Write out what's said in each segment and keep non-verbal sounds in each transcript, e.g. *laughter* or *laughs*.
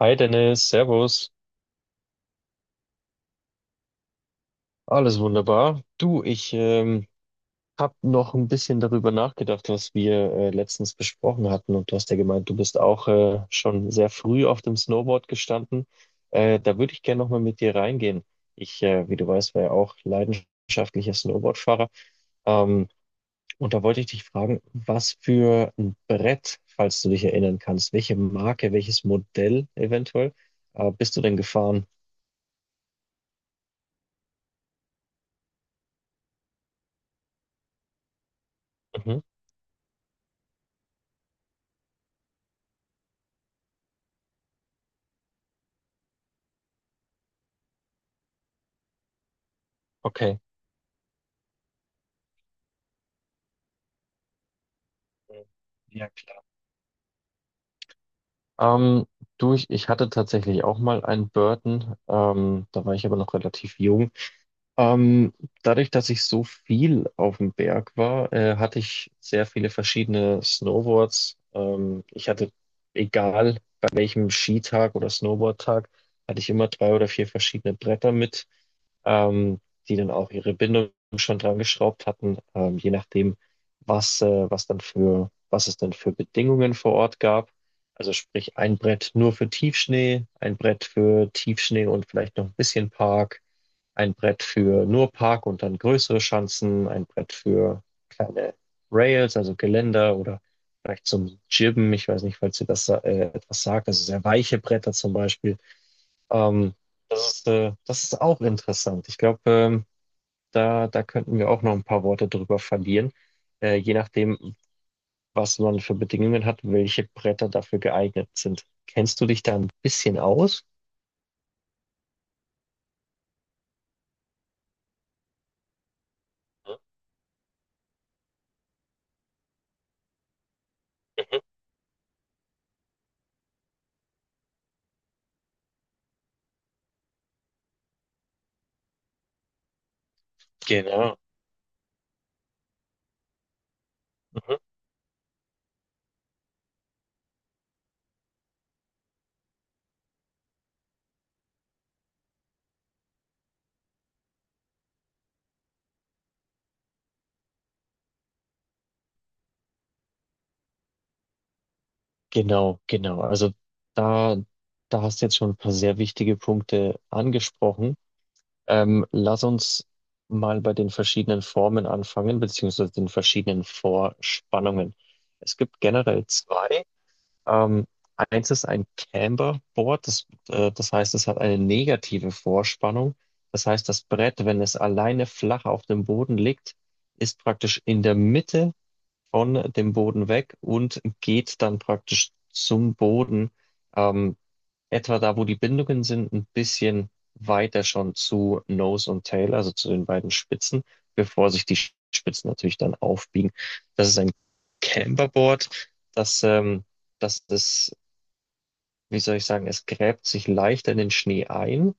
Hi Dennis, Servus. Alles wunderbar. Du, ich habe noch ein bisschen darüber nachgedacht, was wir letztens besprochen hatten. Und du hast ja gemeint, du bist auch schon sehr früh auf dem Snowboard gestanden. Da würde ich gerne nochmal mit dir reingehen. Wie du weißt, war ja auch leidenschaftlicher Snowboardfahrer. Ähm, und da wollte ich dich fragen, was für ein Brett, falls du dich erinnern kannst, welche Marke, welches Modell eventuell, bist du denn gefahren? Mhm. Okay. Ja, klar. Ähm, Du, ich hatte tatsächlich auch mal einen Burton, da war ich aber noch relativ jung. Ähm, dadurch, dass ich so viel auf dem Berg war, hatte ich sehr viele verschiedene Snowboards. Ich hatte, egal bei welchem Skitag oder Snowboardtag, hatte ich immer drei oder vier verschiedene Bretter mit, ähm, die dann auch ihre Bindung schon dran geschraubt hatten, je nachdem, was es dann für Bedingungen vor Ort gab. Also sprich ein Brett nur für Tiefschnee, ein Brett für Tiefschnee und vielleicht noch ein bisschen Park, ein Brett für nur Park und dann größere Schanzen, ein Brett für kleine Rails, also Geländer oder vielleicht zum Jibben, ich weiß nicht, falls ihr das etwas sagt, also sehr weiche Bretter zum Beispiel. Ähm, Das ist auch interessant. Ich glaube, da könnten wir auch noch ein paar Worte drüber verlieren, je nachdem, was man für Bedingungen hat, welche Bretter dafür geeignet sind. Kennst du dich da ein bisschen aus? Mhm. Genau. mhm. Genau, genau. Also da, da hast du jetzt schon ein paar sehr wichtige Punkte angesprochen. Lass uns mal bei den verschiedenen Formen anfangen, beziehungsweise den verschiedenen Vorspannungen. Es gibt generell zwei. Ähm, eins ist ein Camberboard, das heißt, es hat eine negative Vorspannung. Das heißt, das Brett, wenn es alleine flach auf dem Boden liegt, ist praktisch in der Mitte von dem Boden weg und geht dann praktisch zum Boden, ähm, etwa da, wo die Bindungen sind, ein bisschen weiter schon zu Nose und Tail, also zu den beiden Spitzen, bevor sich die Spitzen natürlich dann aufbiegen. Das ist ein Camberboard, das ähm, das ist, wie soll ich sagen, es gräbt sich leichter in den Schnee ein.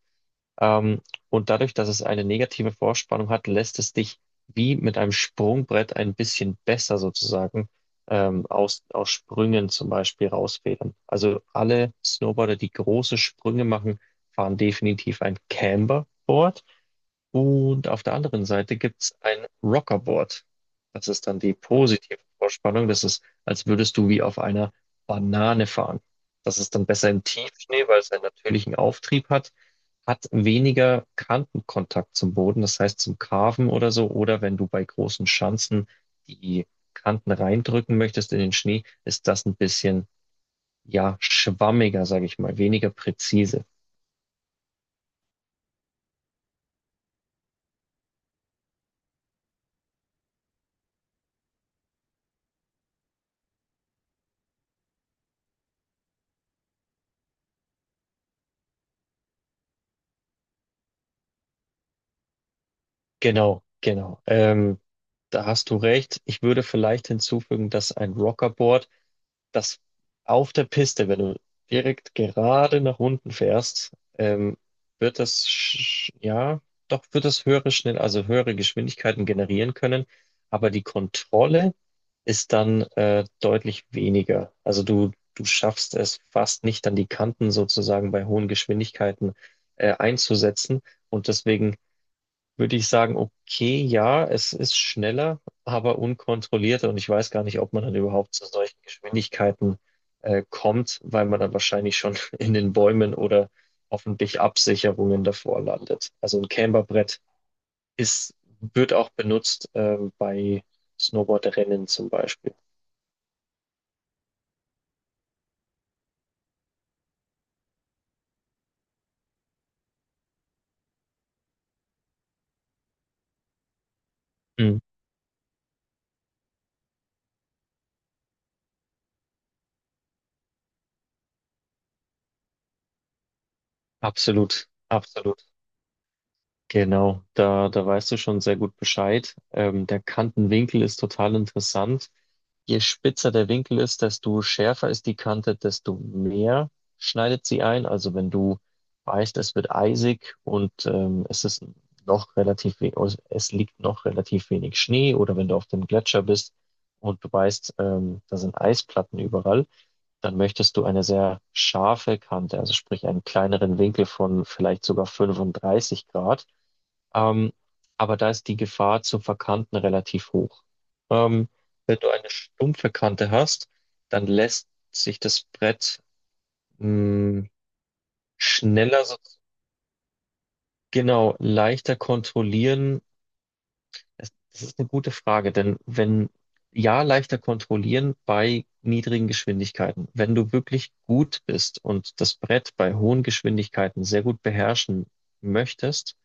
Ähm, und dadurch, dass es eine negative Vorspannung hat, lässt es dich wie mit einem Sprungbrett ein bisschen besser sozusagen, aus Sprüngen zum Beispiel rausfedern. Also alle Snowboarder, die große Sprünge machen, fahren definitiv ein Camber. Und auf der anderen Seite gibt's ein Rockerboard. Das ist dann die positive Vorspannung. Das ist, als würdest du wie auf einer Banane fahren. Das ist dann besser im Tiefschnee, weil es einen natürlichen Auftrieb hat, hat weniger Kantenkontakt zum Boden, das heißt zum Carven oder so. Oder wenn du bei großen Schanzen die Kanten reindrücken möchtest in den Schnee, ist das ein bisschen, ja, schwammiger, sage ich mal, weniger präzise. Genau, genau. Da hast du recht. Ich würde vielleicht hinzufügen, dass ein Rockerboard, das auf der Piste, wenn du direkt gerade nach unten fährst, ähm, ja, doch wird das höhere schnell, also höhere Geschwindigkeiten generieren können. Aber die Kontrolle ist dann deutlich weniger. Also du schaffst es fast nicht, dann die Kanten sozusagen bei hohen Geschwindigkeiten einzusetzen. Und deswegen würde ich sagen, okay, ja, es ist schneller, aber unkontrollierter, und ich weiß gar nicht, ob man dann überhaupt zu solchen Geschwindigkeiten kommt, weil man dann wahrscheinlich schon *laughs* in den Bäumen oder hoffentlich Absicherungen davor landet. Also ein Camberbrett ist, wird auch benutzt, bei Snowboardrennen zum Beispiel. Mhm. Absolut, absolut. Genau, da, da weißt du schon sehr gut Bescheid. Der Kantenwinkel ist total interessant. Je spitzer der Winkel ist, desto schärfer ist die Kante, desto mehr schneidet sie ein. Also wenn du weißt, es wird eisig, und es ist noch relativ, also es liegt noch relativ wenig Schnee, oder wenn du auf dem Gletscher bist und du weißt, da sind Eisplatten überall, dann möchtest du eine sehr scharfe Kante, also sprich einen kleineren Winkel von vielleicht sogar 35 Grad. Ähm, aber da ist die Gefahr zur verkanten relativ hoch. Ähm, wenn du eine stumpfe Kante hast, dann lässt sich das Brett, mh, schneller, so, genau, leichter kontrollieren. Das ist eine gute Frage, denn wenn, ja, leichter kontrollieren bei niedrigen Geschwindigkeiten. Wenn du wirklich gut bist und das Brett bei hohen Geschwindigkeiten sehr gut beherrschen möchtest,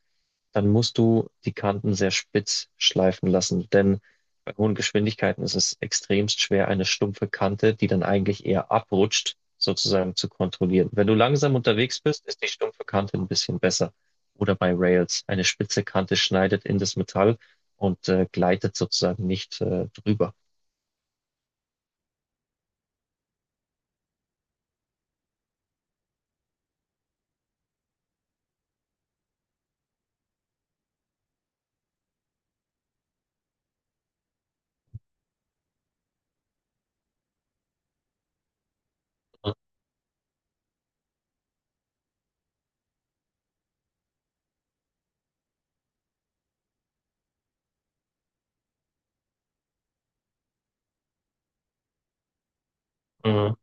dann musst du die Kanten sehr spitz schleifen lassen, denn bei hohen Geschwindigkeiten ist es extremst schwer, eine stumpfe Kante, die dann eigentlich eher abrutscht, sozusagen zu kontrollieren. Wenn du langsam unterwegs bist, ist die stumpfe Kante ein bisschen besser. Oder bei Rails. Eine spitze Kante schneidet in das Metall und gleitet sozusagen nicht drüber. Mhm.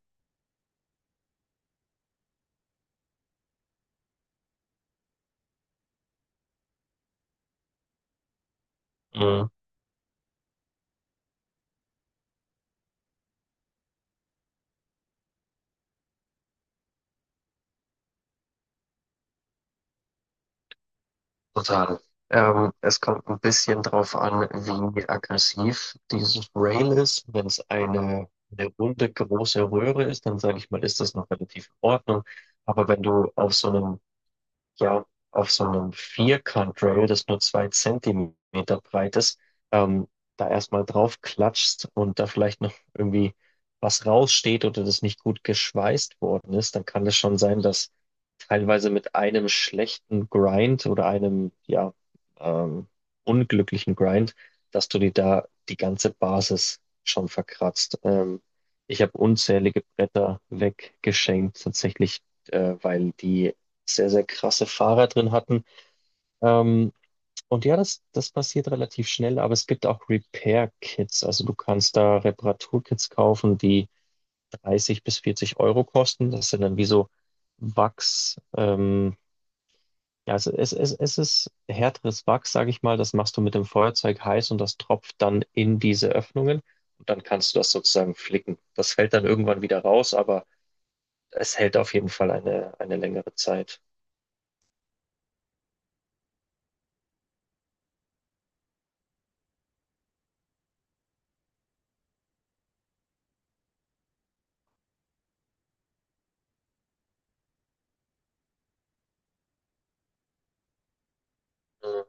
Mhm. Total. Es kommt ein bisschen drauf an, wie aggressiv dieses Rail ist. Wenn es eine runde, große Röhre ist, dann sage ich mal, ist das noch relativ in Ordnung. Aber wenn du ja, auf so einem Vierkant-Rail, das nur 2 cm breit ist, ähm, da erstmal drauf klatschst und da vielleicht noch irgendwie was raussteht oder das nicht gut geschweißt worden ist, dann kann es schon sein, dass teilweise mit einem schlechten Grind oder einem, ähm, unglücklichen Grind, dass du dir da die ganze Basis schon verkratzt. Ich habe unzählige Bretter weggeschenkt, tatsächlich, weil die sehr, sehr krasse Fahrer drin hatten. Ähm, und ja, das passiert relativ schnell, aber es gibt auch Repair-Kits. Also du kannst da Reparaturkits kaufen, die 30 bis 40 € kosten. Das sind dann wie so Wachs, ja, also es ist härteres Wachs, sage ich mal. Das machst du mit dem Feuerzeug heiß und das tropft dann in diese Öffnungen, und dann kannst du das sozusagen flicken. Das fällt dann irgendwann wieder raus, aber es hält auf jeden Fall eine längere Zeit. Mhm.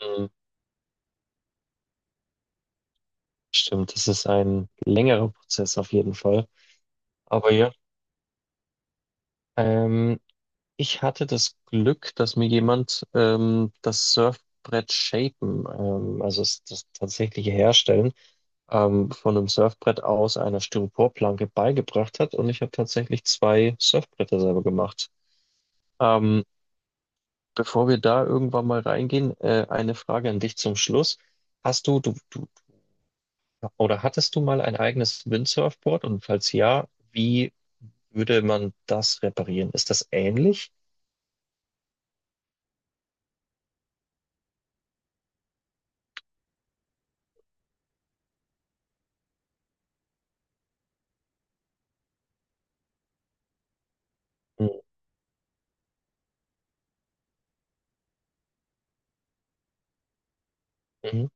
Mhm. Stimmt, das ist ein längerer Prozess auf jeden Fall. Aber ja, ähm, ich hatte das Glück, dass mir jemand, das Surfbrett shapen, also das tatsächliche Herstellen, von einem Surfbrett aus einer Styroporplanke beigebracht hat. Und ich habe tatsächlich zwei Surfbretter selber gemacht. Ähm, bevor wir da irgendwann mal reingehen, eine Frage an dich zum Schluss. Hast du oder hattest du mal ein eigenes Windsurfboard? Und falls ja, wie würde man das reparieren? Ist das ähnlich? Mhm.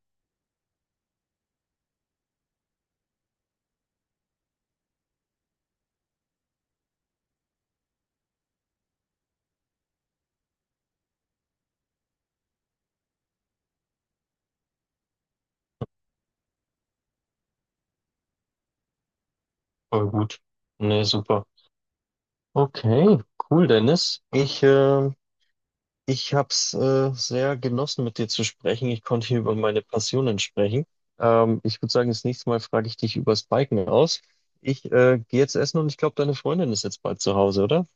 Voll gut. Ne, super. Okay, cool, Dennis. Ich habe es sehr genossen, mit dir zu sprechen. Ich konnte hier über meine Passionen sprechen. Ich würde sagen, das nächste Mal frage ich dich übers Biken aus. Ich gehe jetzt essen, und ich glaube, deine Freundin ist jetzt bald zu Hause, oder?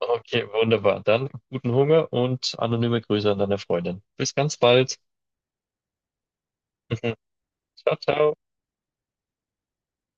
Okay, wunderbar. Dann guten Hunger und anonyme Grüße an deine Freundin. Bis ganz bald. *laughs* Ciao, ciao.